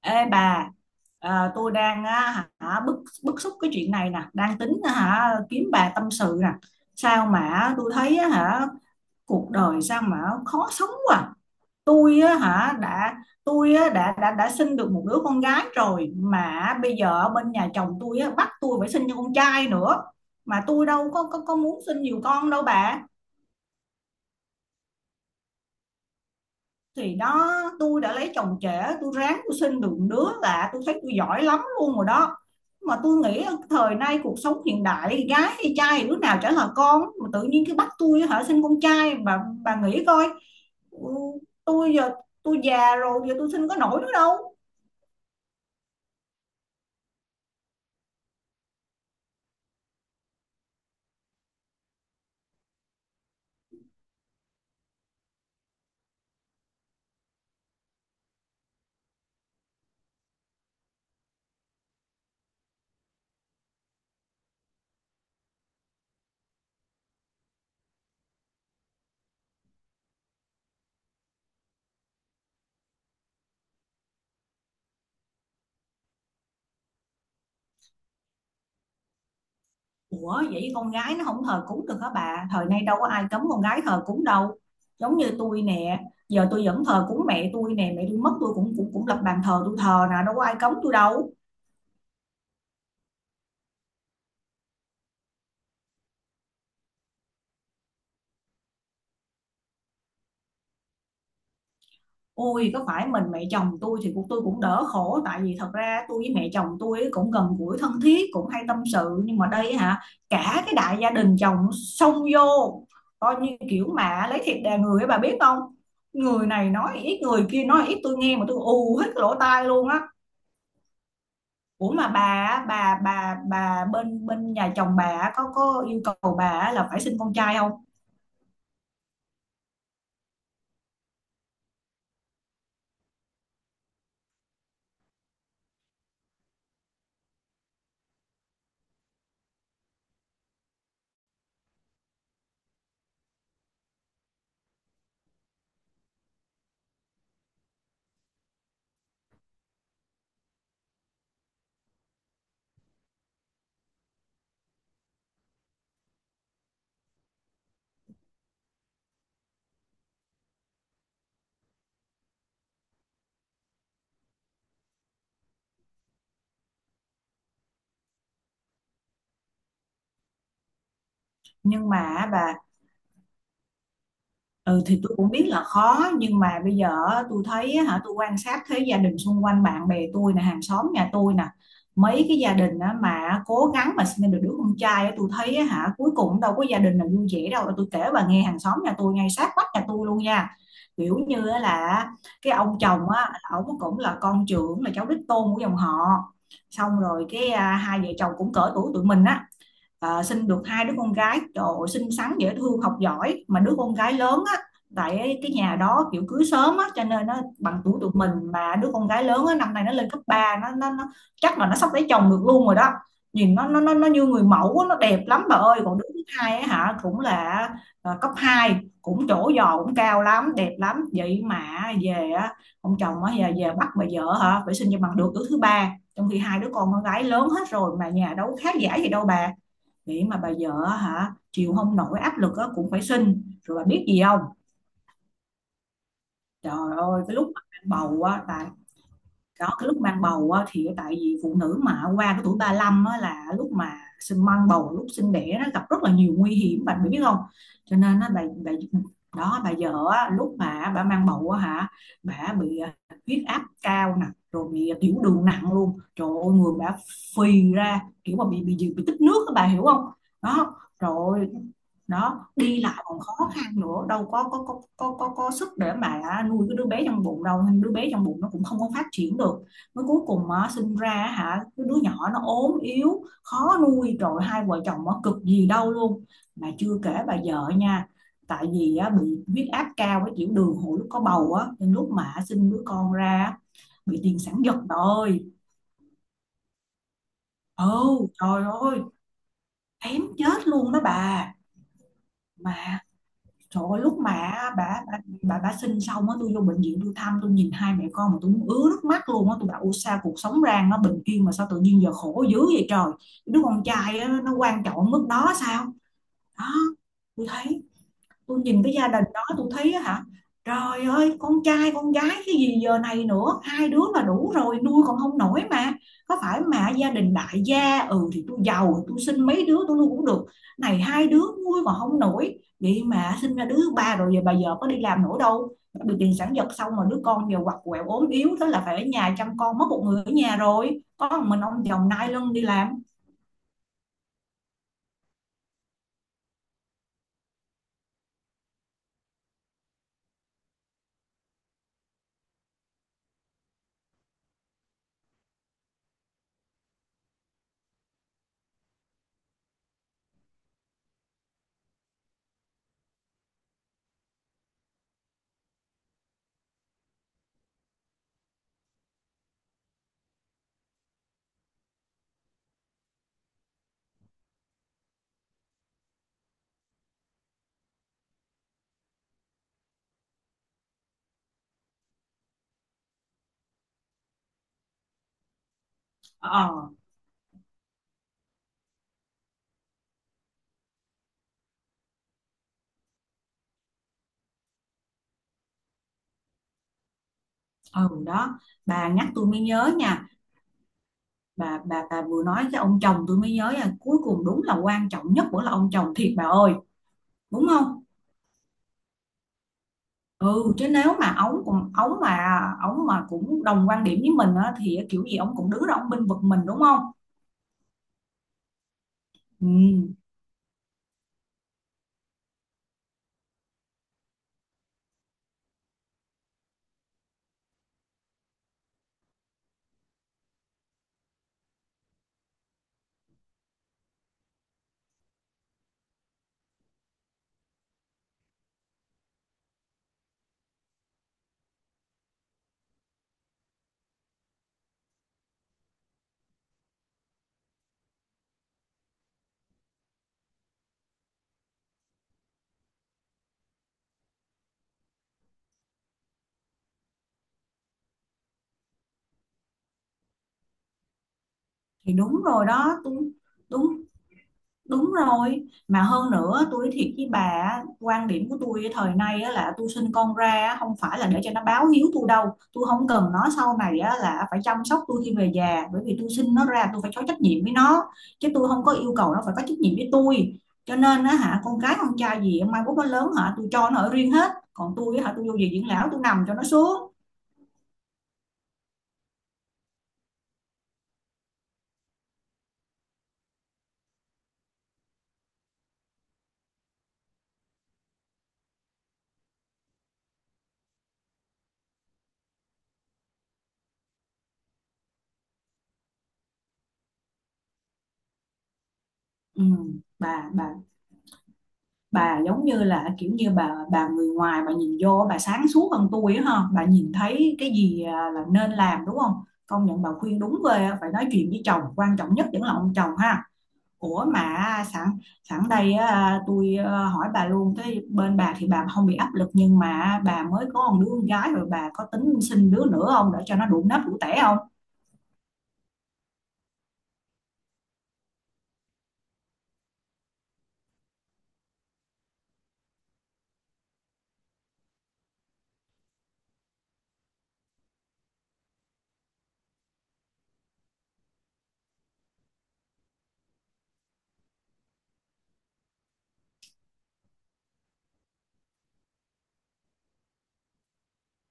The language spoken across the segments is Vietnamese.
Ê bà, tôi đang á, hả, bức bức xúc cái chuyện này nè, đang tính á, hả kiếm bà tâm sự nè. Sao mà tôi thấy á, hả cuộc đời sao mà khó sống quá. Tôi á, hả đã tôi á, đã sinh được một đứa con gái rồi, mà bây giờ ở bên nhà chồng tôi á, bắt tôi phải sinh cho con trai nữa. Mà tôi đâu có muốn sinh nhiều con đâu bà. Thì đó, tôi đã lấy chồng trẻ, tôi ráng tôi sinh được đứa là tôi thấy tôi giỏi lắm luôn rồi đó. Mà tôi nghĩ thời nay cuộc sống hiện đại, gái hay trai thì đứa nào chả là con, mà tự nhiên cái bắt tôi hả sinh con trai. Bà nghĩ coi, ừ, tôi giờ tôi già rồi, giờ tôi sinh có nổi nữa đâu. Ủa vậy con gái nó không thờ cúng được hả bà? Thời nay đâu có ai cấm con gái thờ cúng đâu. Giống như tôi nè, giờ tôi vẫn thờ cúng mẹ tôi nè. Mẹ tôi mất tôi cũng cũng cũng lập bàn thờ tôi thờ nè, đâu có ai cấm tôi đâu. Ôi, có phải mình mẹ chồng tôi thì cuộc tôi cũng đỡ khổ, tại vì thật ra tôi với mẹ chồng tôi ấy cũng gần gũi thân thiết, cũng hay tâm sự, nhưng mà đây hả, cả cái đại gia đình chồng xông vô, coi như kiểu mà lấy thịt đè người ấy bà biết không. Người này nói ít, người kia nói ít, tôi nghe mà tôi ù hết cái lỗ tai luôn á. Ủa mà bà á, bà bên bên nhà chồng bà á, có yêu cầu bà á là phải sinh con trai không? Nhưng mà bà Ừ thì tôi cũng biết là khó, nhưng mà bây giờ á, tôi thấy á hả, tôi quan sát thấy gia đình xung quanh, bạn bè tôi nè, hàng xóm nhà tôi nè, mấy cái gia đình á mà cố gắng mà sinh được đứa con trai á, tôi thấy á, hả cuối cùng đâu có gia đình nào vui vẻ đâu. Tôi kể bà nghe, hàng xóm nhà tôi ngay sát vách nhà tôi luôn nha. Kiểu như á là, cái ông chồng á ổng cũng là con trưởng, là cháu đích tôn của dòng họ. Xong rồi cái hai vợ chồng cũng cỡ tuổi tụi mình á, sinh được hai đứa con gái. Trời ơi, xinh xắn dễ thương học giỏi, mà đứa con gái lớn á, tại cái nhà đó kiểu cưới sớm á, cho nên nó bằng tuổi tụi mình, mà đứa con gái lớn á năm nay nó lên cấp ba, nó chắc là nó sắp lấy chồng được luôn rồi đó. Nhìn nó như người mẫu á, nó đẹp lắm bà ơi. Còn đứa thứ hai á hả cũng là cấp hai, cũng trổ giò cũng cao lắm, đẹp lắm. Vậy mà về á, ông chồng á về bắt bà vợ hả phải sinh cho bằng được đứa thứ ba, trong khi hai đứa con gái lớn hết rồi, mà nhà đâu có khá giả gì đâu bà. Nghĩ mà bà vợ hả chịu không nổi áp lực á cũng phải sinh rồi. Bà biết gì không? Trời ơi, cái lúc mà mang bầu á, tại đó, cái lúc mang bầu á thì tại vì phụ nữ mà qua cái tuổi 35 á là lúc mà sinh, mang bầu, lúc sinh đẻ nó gặp rất là nhiều nguy hiểm bạn biết không. Cho nên á bà đó, bà vợ á, lúc mà bà mang bầu á hả, bà bị huyết áp cao nè, rồi bị tiểu đường nặng luôn. Trời ơi người bà phì ra, kiểu mà bị tích nước á bà hiểu không. Đó rồi, đó đi lại còn khó khăn nữa, đâu có sức để mà nuôi cái đứa bé trong bụng đâu, nên đứa bé trong bụng nó cũng không có phát triển được. Mới cuối cùng á, sinh ra hả, cái đứa nhỏ nó ốm yếu khó nuôi, rồi hai vợ chồng nó cực gì đâu luôn. Mà chưa kể bà vợ nha, tại vì á bị huyết áp cao với tiểu đường hồi lúc có bầu á, nên lúc mà sinh đứa con ra á, bị tiền sản giật rồi. Ừ, trời ơi, kém chết luôn đó bà. Mà trời ơi, lúc mà bà sinh xong á, tôi vô bệnh viện tôi thăm, tôi nhìn hai mẹ con mà tôi muốn ứa nước mắt luôn á. Tôi bảo "Ủa sao cuộc sống rang nó bình yên mà sao tự nhiên giờ khổ dữ vậy trời, đứa con trai á, nó quan trọng ở mức đó sao?" Đó, tôi thấy, tôi nhìn cái gia đình đó tôi thấy á hả, trời ơi, con trai con gái cái gì giờ này nữa, hai đứa là đủ rồi, nuôi còn không nổi mà. Có phải mà gia đình đại gia, ừ thì tôi giàu tôi sinh mấy đứa tôi nuôi cũng được, này hai đứa nuôi còn không nổi vậy mà sinh ra đứa thứ ba. Rồi giờ bà vợ có đi làm nữa đâu, bị tiền sản giật xong mà đứa con giờ quặt quẹo ốm yếu, thế là phải ở nhà chăm con, mất một người ở nhà rồi, có một mình ông chồng nai lưng đi làm. Ờ, ừ đó, bà nhắc tôi mới nhớ nha. Bà vừa nói cái ông chồng, tôi mới nhớ là cuối cùng đúng là quan trọng nhất vẫn là ông chồng thiệt bà ơi. Đúng không? Ừ, chứ nếu mà ổng mà cũng đồng quan điểm với mình á, thì kiểu gì ổng cũng đứng ra ổng bênh vực mình đúng không. Ừ, thì đúng rồi đó tôi đúng. Đúng rồi, mà hơn nữa tôi nói thiệt với bà á, quan điểm của tôi thời nay á là tôi sinh con ra á, không phải là để cho nó báo hiếu tôi đâu, tôi không cần nó sau này á là phải chăm sóc tôi khi về già, bởi vì tôi sinh nó ra tôi phải có trách nhiệm với nó, chứ tôi không có yêu cầu nó phải có trách nhiệm với tôi. Cho nên á hả, con cái con trai gì mai mốt nó lớn hả, tôi cho nó ở riêng hết, còn tôi á hả tôi vô viện dưỡng lão tôi nằm cho nó xuống. Ừ, bà bà bà giống như là kiểu như bà người ngoài bà nhìn vô bà sáng suốt hơn tôi á ha, bà nhìn thấy cái gì là nên làm đúng không. Công nhận bà khuyên đúng ghê á, phải nói chuyện với chồng, quan trọng nhất vẫn là ông chồng ha. Ủa mà sẵn sẵn đây á, tôi hỏi bà luôn, cái bên bà thì bà không bị áp lực, nhưng mà bà mới có một đứa con gái rồi, bà có tính sinh đứa nữa không để cho nó đủ nếp đủ tẻ không?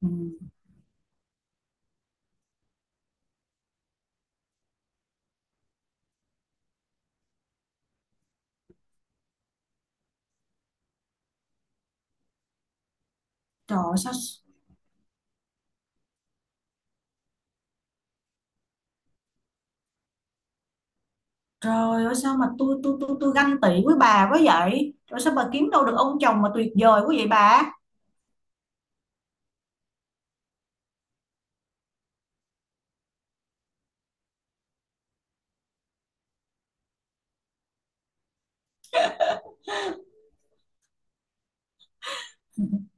Ừ. Trời ơi, sao. Trời ơi sao mà tôi ganh tị với bà quá vậy? Rồi sao bà kiếm đâu được ông chồng mà tuyệt vời quá vậy bà?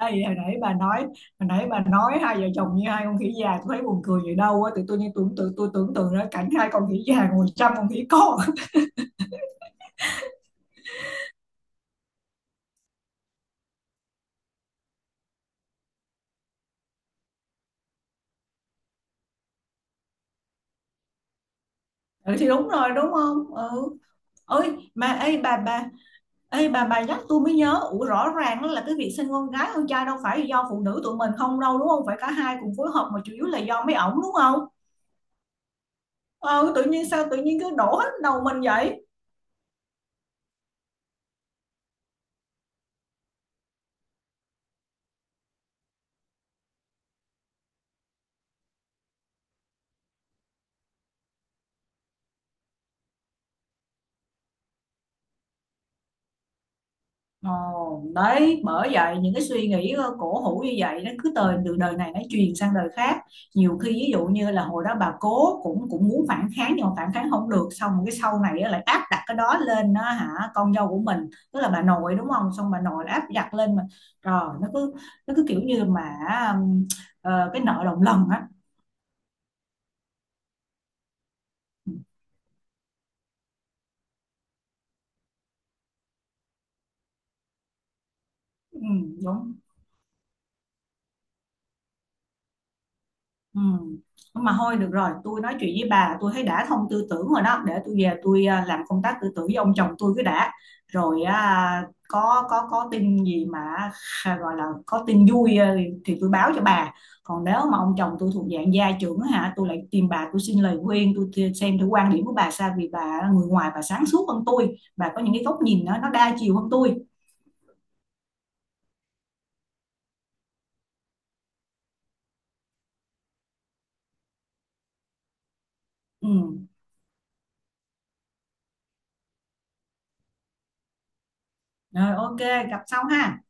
Ê, hồi nãy bà nói hai vợ chồng như hai con khỉ già, tôi thấy buồn cười vậy đâu á, tự tôi như tưởng tượng tôi tưởng tượng ra cảnh hai con khỉ già ngồi chăm con khỉ con. Ừ, thì đúng rồi đúng không ừ. ơi mà ê bà Ê bà nhắc tôi mới nhớ, ủa rõ ràng đó là cái việc sinh con gái con trai đâu phải do phụ nữ tụi mình không đâu, đúng không, phải cả hai cùng phối hợp, mà chủ yếu là do mấy ổng đúng không. Ờ, tự nhiên sao tự nhiên cứ đổ hết đầu mình vậy. Ồ, đấy, bởi vậy những cái suy nghĩ cổ hủ như vậy nó cứ từ từ đời này nó truyền sang đời khác. Nhiều khi ví dụ như là hồi đó bà cố cũng cũng muốn phản kháng, nhưng mà phản kháng không được, xong rồi cái sau này á, lại áp đặt cái đó lên đó hả, con dâu của mình tức là bà nội đúng không, xong bà nội lại áp đặt lên mà. Rồi nó cứ, nó cứ kiểu như mà, ừm, cái nợ đồng lần á. Ừ, ừ, đúng. Ừ. Mà thôi được rồi, tôi nói chuyện với bà tôi thấy đã thông tư tưởng rồi đó, để tôi về tôi làm công tác tư tưởng với ông chồng tôi cứ đã. Rồi có tin gì mà gọi là có tin vui à, thì tôi báo cho bà. Còn nếu mà ông chồng tôi thuộc dạng gia trưởng hả, tôi lại tìm bà tôi xin lời khuyên, tôi xem thử quan điểm của bà sao, vì bà là người ngoài bà sáng suốt hơn tôi, bà có những cái góc nhìn nó đa chiều hơn tôi. Ừ. Rồi ok, gặp sau ha.